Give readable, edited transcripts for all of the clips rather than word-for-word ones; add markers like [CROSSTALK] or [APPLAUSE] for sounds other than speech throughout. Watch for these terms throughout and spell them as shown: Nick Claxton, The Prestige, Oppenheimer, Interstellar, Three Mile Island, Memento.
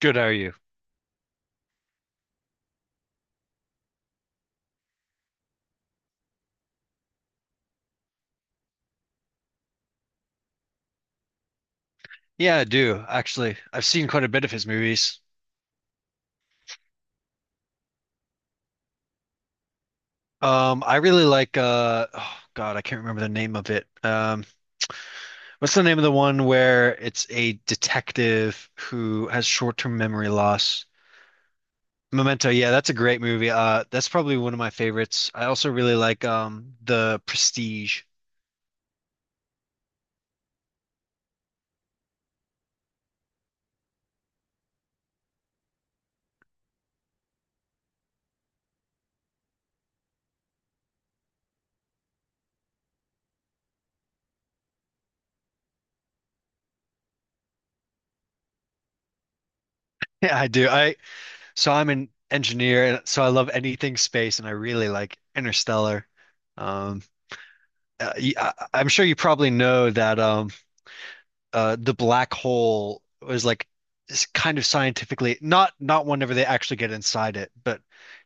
Good, how are you? Yeah, I do actually. I've seen quite a bit of his movies. I really like oh God, I can't remember the name of it. What's the name of the one where it's a detective who has short-term memory loss? Memento. Yeah, that's a great movie. That's probably one of my favorites. I also really like The Prestige. [LAUGHS] Yeah, I do. I So I'm an engineer, and so I love anything space, and I really like Interstellar. Um, I am sure you probably know that. The black hole was kind of scientifically not whenever they actually get inside it, but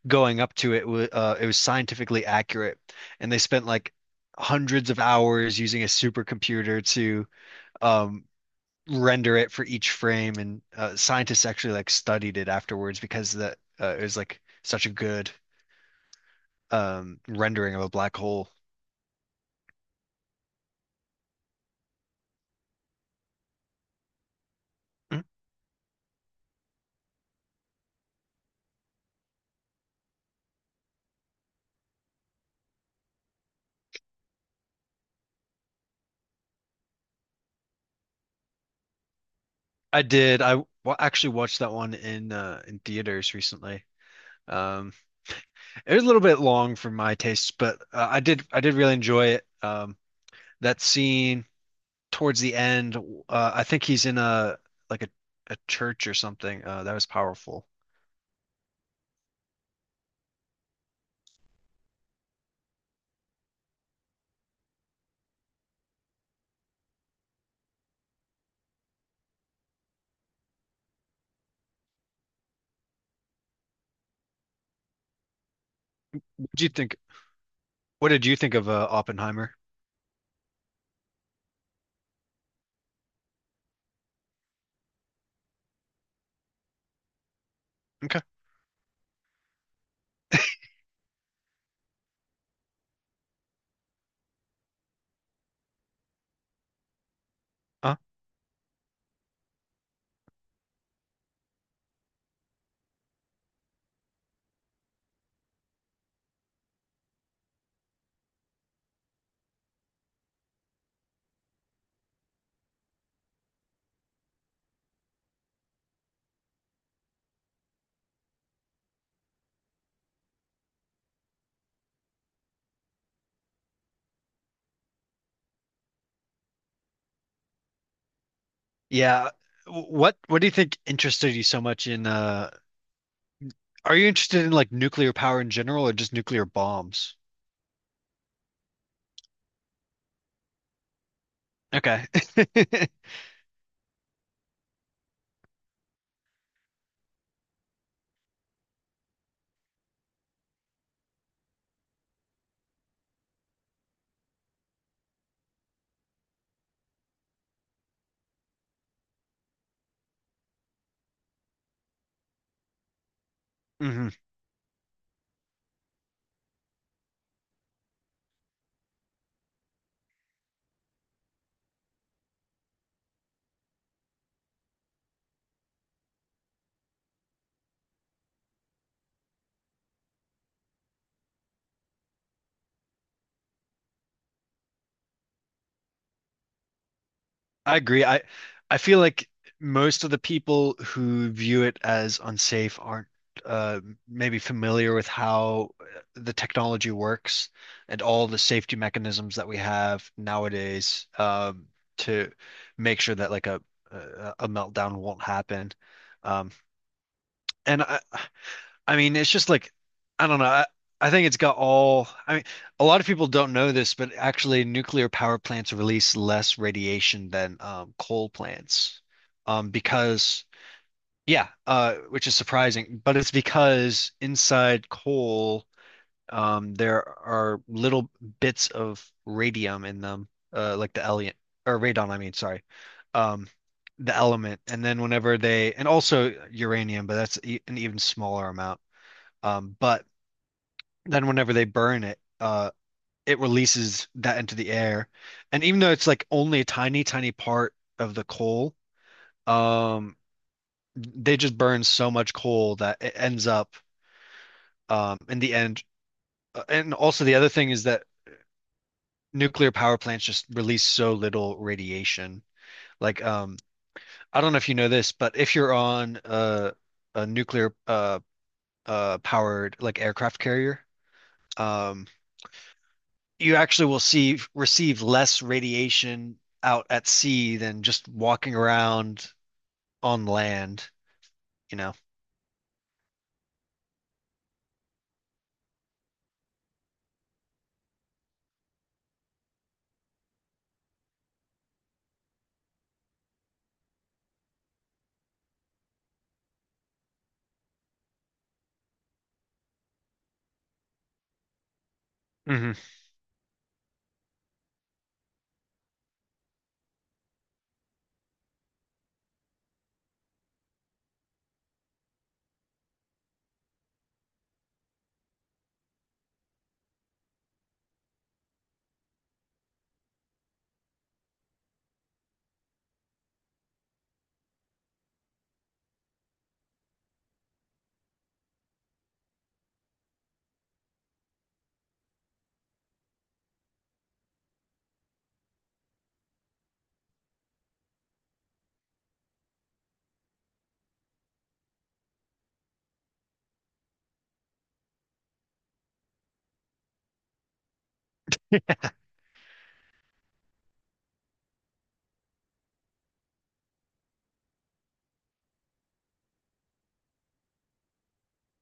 going up to it was scientifically accurate, and they spent like hundreds of hours using a supercomputer to um, render it for each frame, and scientists actually like studied it afterwards because that it was like such a good rendering of a black hole. I did. Actually watched that one in theaters recently. Um, It was a little bit long for my tastes, but I did really enjoy it. That scene towards the end, I think he's in like a, a church or something. That was powerful. What do you think? What did you think of Oppenheimer? Okay. Uh. Yeah. What do you think interested you so much in? Are you interested in like nuclear power in general or just nuclear bombs? Okay. [LAUGHS] Hmm. I agree. I feel like most of the people who view it as unsafe aren't uh, maybe familiar with how the technology works and all the safety mechanisms that we have nowadays to make sure that like a meltdown won't happen. Um, and I mean, it's just like, I don't know. I think it's got all, I mean, a lot of people don't know this, but actually, nuclear power plants release less radiation than coal plants. Because, yeah, which is surprising, but it's because inside coal, there are little bits of radium in them, like the element, or radon, I mean, sorry, um, the element. And then and also uranium, but that's e an even smaller amount. But then whenever they burn it, it releases that into the air. And even though it's like only a tiny, tiny part of the coal, um, they just burn so much coal that it ends up in the end. And also the other thing is that nuclear power plants just release so little radiation. Like, I don't know if you know this, but if you're on a nuclear powered like aircraft carrier, um, you actually will see receive less radiation out at sea than just walking around on land, you know. Hmm.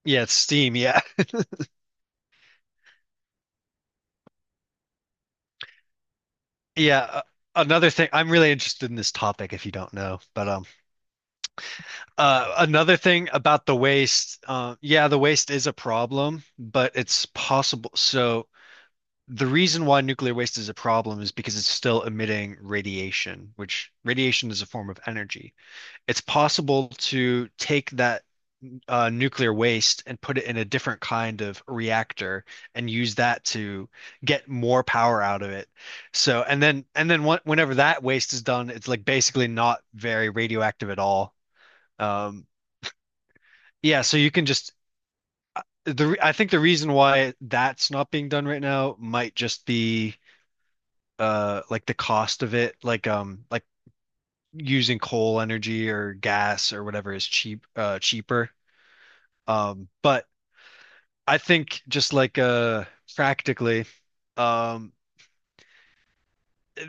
Yeah, it's steam. Yeah. [LAUGHS] Yeah. Another thing, I'm really interested in this topic if you don't know, but another thing about the waste, yeah, the waste is a problem, but it's possible. So the reason why nuclear waste is a problem is because it's still emitting radiation, which radiation is a form of energy. It's possible to take that nuclear waste and put it in a different kind of reactor and use that to get more power out of it. So, and then wh whenever that waste is done, it's like basically not very radioactive at all. Um, yeah, so you can I think the reason why that's not being done right now might just be like the cost of it, like using coal energy or gas or whatever is cheaper. But I think just like practically, um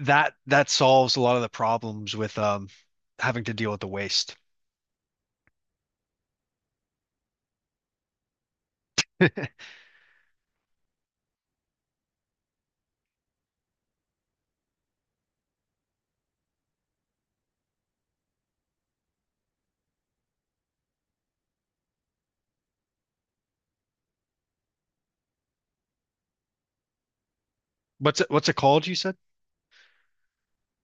that solves a lot of the problems with having to deal with the waste. What's it called, you said?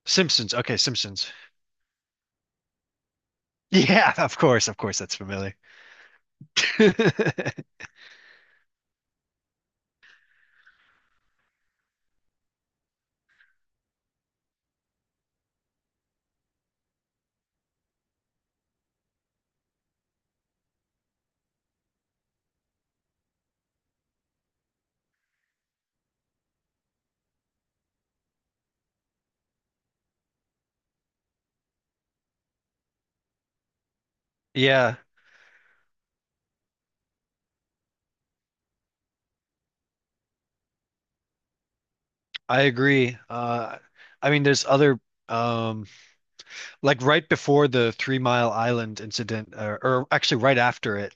Simpsons. Okay, Simpsons. [LAUGHS] Yeah, of course, that's familiar. [LAUGHS] Yeah, I agree. I mean there's other um like right before the Three Mile Island incident, or actually right after it,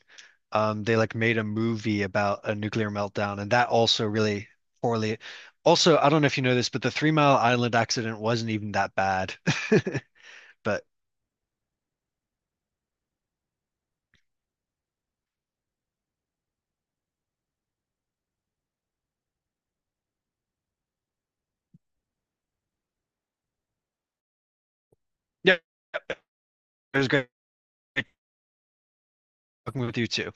they like made a movie about a nuclear meltdown, and that also really poorly. Also, I don't know if you know this, but the Three Mile Island accident wasn't even that bad. [LAUGHS] But yeah, it was great talking with you too.